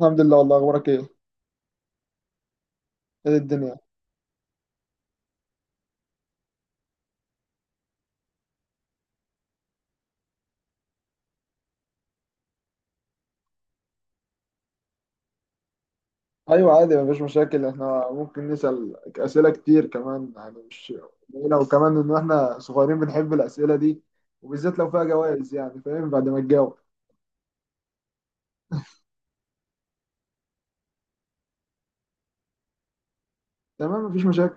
الحمد لله. والله اخبارك ايه؟ ايه الدنيا؟ ايوه عادي، مفيش مشاكل، احنا ممكن نسأل اسئله كتير كمان يعني مش قليله. وكمان ان احنا صغيرين بنحب الاسئله دي، وبالذات لو فيها جوائز يعني. فاهم بعد ما تجاوب؟ تمام، مفيش مشاكل.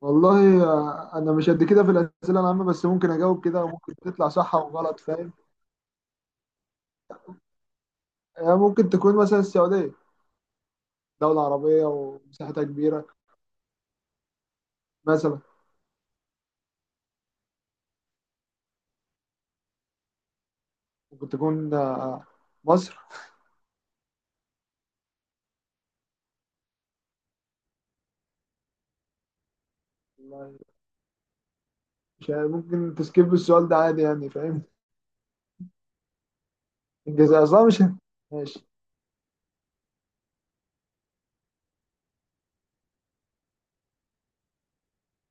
والله انا مش قد كده في الاسئله العامه، بس ممكن اجاوب كده وممكن تطلع صح وغلط، فاهم؟ ممكن تكون مثلا السعوديه. دوله عربيه ومساحتها كبيره. مثلا ممكن تكون مصر. والله مش عارف، ممكن تسكيب السؤال ده عادي يعني، فاهم؟ الجزائر صح مش؟ ماشي.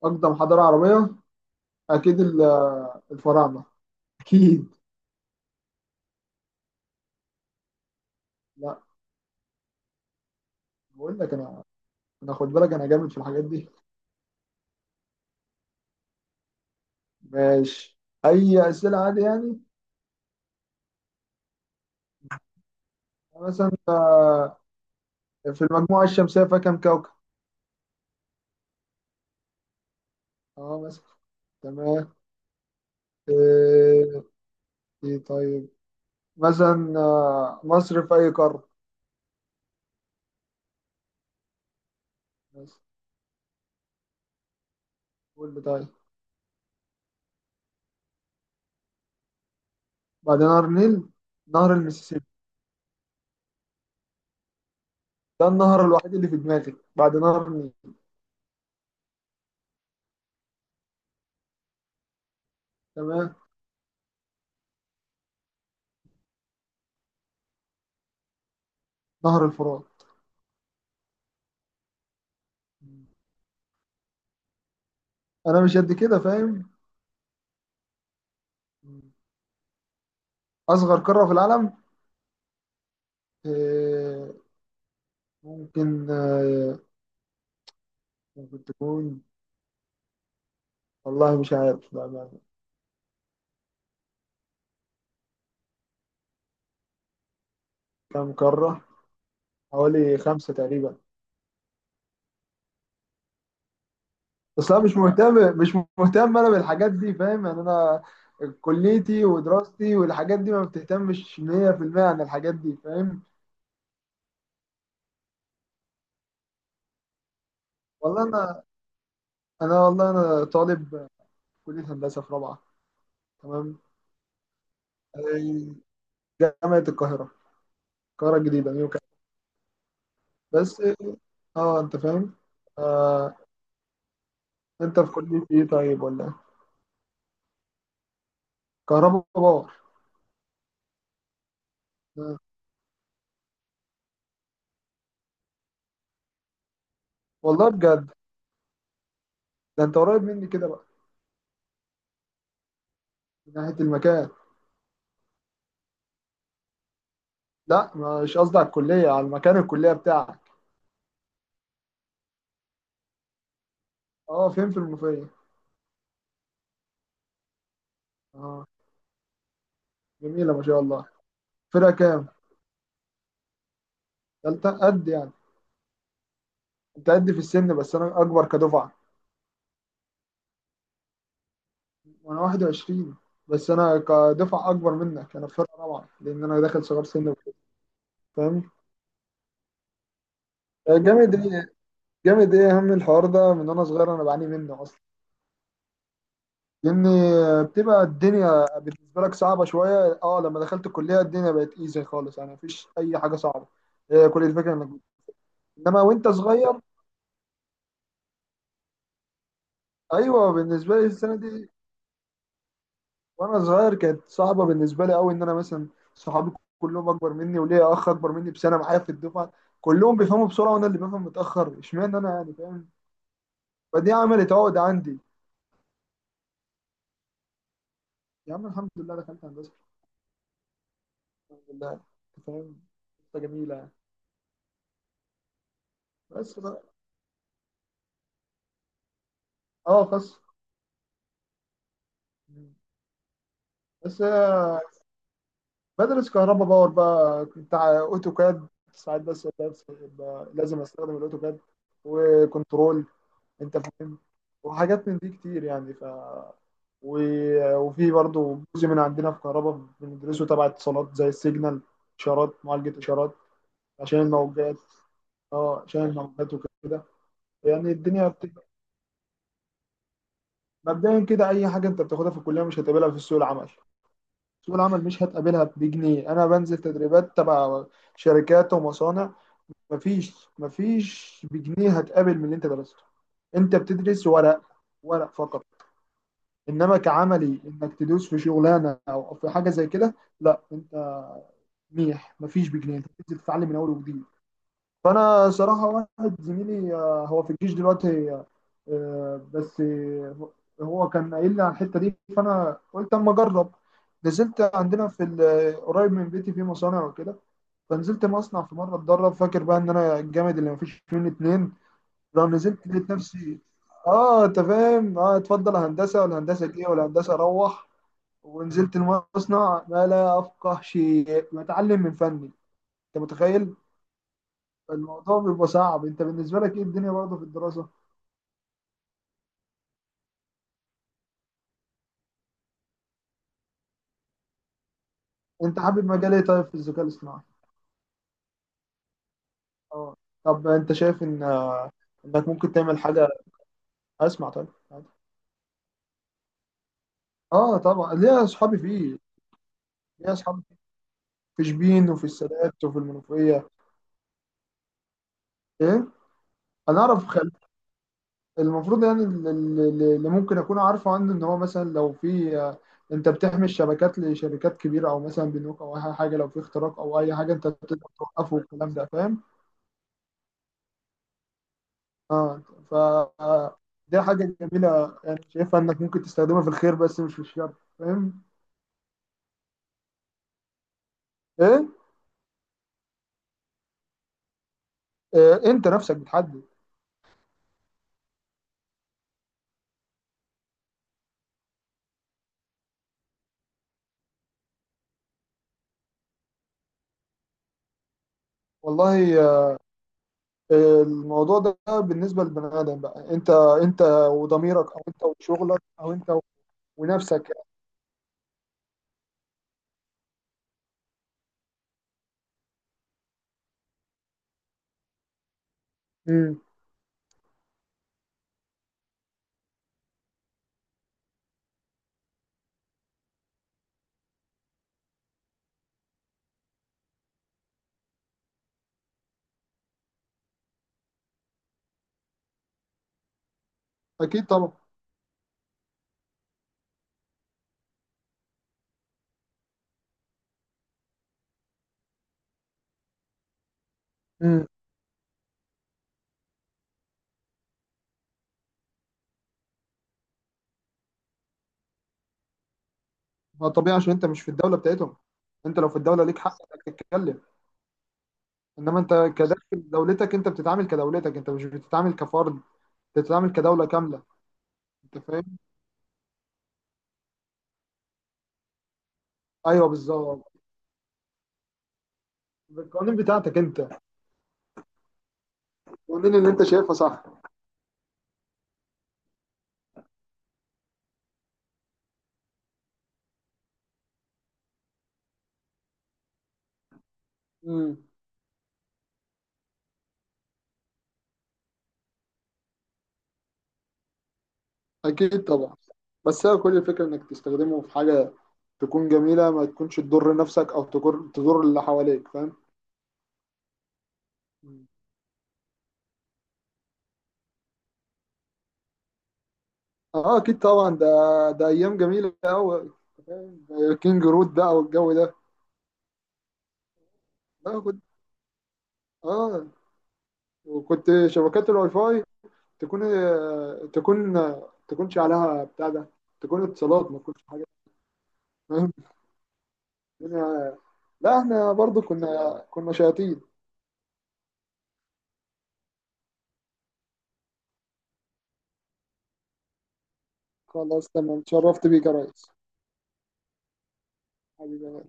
أقدم حضارة عربية؟ أكيد الفراعنة. أكيد. لا، بقول لك أنا، أنا خد بالك، أنا جامد في الحاجات دي. ماشي، أي أسئلة عادي يعني. يعني مثلا في المجموعة الشمسية فيها كام كوكب؟ أه مثلا. تمام. إيه؟ إيه طيب. مثلا مصر في أي قارة؟ بس. قول لي طيب. بعد نهر النيل، نهر المسيسيبي. ده النهر الوحيد اللي في دماغي بعد نهر النيل. تمام. نهر الفرات. انا مش قد كده، فاهم. اصغر قارة في العالم. آه، ممكن ممكن تكون. والله مش عارف بأمانة. كام قارة؟ حوالي خمسة تقريبا. بس انا مش مهتم انا بالحاجات دي، فاهم يعني. انا كليتي ودراستي والحاجات دي ما بتهتمش 100% عن الحاجات دي، فاهم. والله انا، انا والله طالب كلية هندسة في رابعة. تمام. آه، جامعة القاهرة، القاهرة الجديدة نيو كامب. بس اه، انت فاهم. آه، انت في كلية ايه طيب ولا ايه؟ كهربا باور. آه. والله بجد، ده انت قريب مني كده بقى. من ناحية المكان. لا، مش قصدي على الكلية، على المكان الكلية بتاعك. اه، فين في المنوفية. اه، جميلة ما شاء الله. فرقة كام؟ تالتة قد يعني. انت قد في السن بس انا اكبر كدفعة. وانا 21. بس انا كدفعة اكبر منك، انا في فرقة رابعة لان انا داخل صغار سن وكده. فاهم؟ جامد ايه. جامد ايه يا عم، الحوار ده من وانا صغير انا بعاني منه. لان بتبقى الدنيا بالنسبه لك صعبه شويه. اه لما دخلت الكليه الدنيا بقت ايزي خالص، يعني مفيش اي حاجه صعبه. هي كل الفكره انك، انما وانت صغير. ايوه بالنسبه لي السنه دي، وانا صغير كانت صعبه بالنسبه لي قوي. ان انا مثلا صحابي كلهم اكبر مني، وليا اخ اكبر مني بسنه معايا في الدفعه. كلهم بيفهموا بسرعه وانا اللي بفهم متاخر، اشمعنى انا يعني، فاهم. فدي عملت عقد عندي. يا عم الحمد لله دخلت هندسه، الحمد لله. أنت فاهم، قصة جميله يعني. بس بقى، اه خاص. بس بدرس كهرباء باور بقى. اوتوكاد ساعات، لازم استخدم الاوتوكاد وكنترول. انت فاهم. وحاجات من دي كتير يعني، و... وفي برضو جزء من عندنا في كهرباء بندرسه تبع اتصالات، زي السيجنال، اشارات، معالجة اشارات. عشان الموجات. اه عشان الموجات وكده. يعني مبدئيا كده اي حاجه انت بتاخدها في الكليه مش هتقابلها في سوق العمل. سوق العمل مش هتقابلها بجنيه. انا بنزل تدريبات تبع شركات ومصانع. مفيش بجنيه هتقابل من اللي انت درسته. انت بتدرس ورق، ورق فقط. انما كعملي انك تدوس في شغلانه او في حاجه زي كده، لا انت ميح، مفيش بجنيه، انت بتنزل تتعلم من اول وجديد. فانا صراحه واحد زميلي هو في الجيش دلوقتي، آه، آه، بس آه، هو كان قايل لي على الحته دي، فانا قلت اما اجرب. نزلت عندنا قريب من بيتي في مصانع وكده. فنزلت مصنع في مره اتدرب. فاكر بقى ان انا الجامد اللي مفيش منه اتنين. لو نزلت لقيت نفسي، اه انت فاهم، اه اتفضل هندسه ولا هندسه ايه ولا هندسه روح. ونزلت المصنع ما لا افقه شيء، بتعلم من فني. انت متخيل الموضوع بيبقى صعب؟ انت بالنسبه لك ايه الدنيا برضه في الدراسه؟ انت حابب مجال ايه طيب في الذكاء الاصطناعي؟ اه طب انت شايف ان، انك ممكن تعمل حاجه. اسمع طيب عادي. اه طبعا ليا اصحابي فيه، ليا اصحابي فيه في شبين وفي السادات وفي المنوفيه. ايه؟ انا اعرف المفروض يعني، اللي ممكن اكون عارفه عنه ان هو مثلا لو في انت بتحمي الشبكات لشركات كبيره او مثلا بنوك او اي حاجه. لو في اختراق او اي حاجه انت بتقدر توقفه والكلام ده، فاهم. اه ف آه، دي حاجه جميله يعني، شايفها انك ممكن تستخدمها في الخير بس مش في الشر، فاهم. ايه؟ انت نفسك بتحدد. والله الموضوع ده بالنسبه للبني ادم بقى، انت، انت وضميرك، او انت وشغلك، او انت ونفسك يعني. امم. اكيد طبعا. مم. ما طبيعي عشان انت مش في الدوله بتاعتهم. انت لو في الدوله ليك حق انك تتكلم. انما انت كداخل دولتك انت بتتعامل كدولتك، انت مش بتتعامل كفرد، انت بتتعامل كدوله كامله. انت فاهم. ايوه بالظبط. بالقوانين بتاعتك انت، القوانين اللي انت شايفها صح. امم. اكيد طبعا. بس هي كل الفكره انك تستخدمه في حاجه تكون جميله، ما تكونش تضر نفسك او تضر اللي حواليك، فاهم. مم. اه اكيد طبعا، ده ده ايام جميله قوي، كينج رود بقى والجو ده. لا كنت، اه، وكنت شبكات الواي فاي تكون تكون تكونش عليها بتاع ده، تكون اتصالات ما تكونش حاجه، فاهم. الدنيا. لا احنا برضو كنا شياطين. خلاص تمام، اتشرفت بيك يا ريس. حبيبي.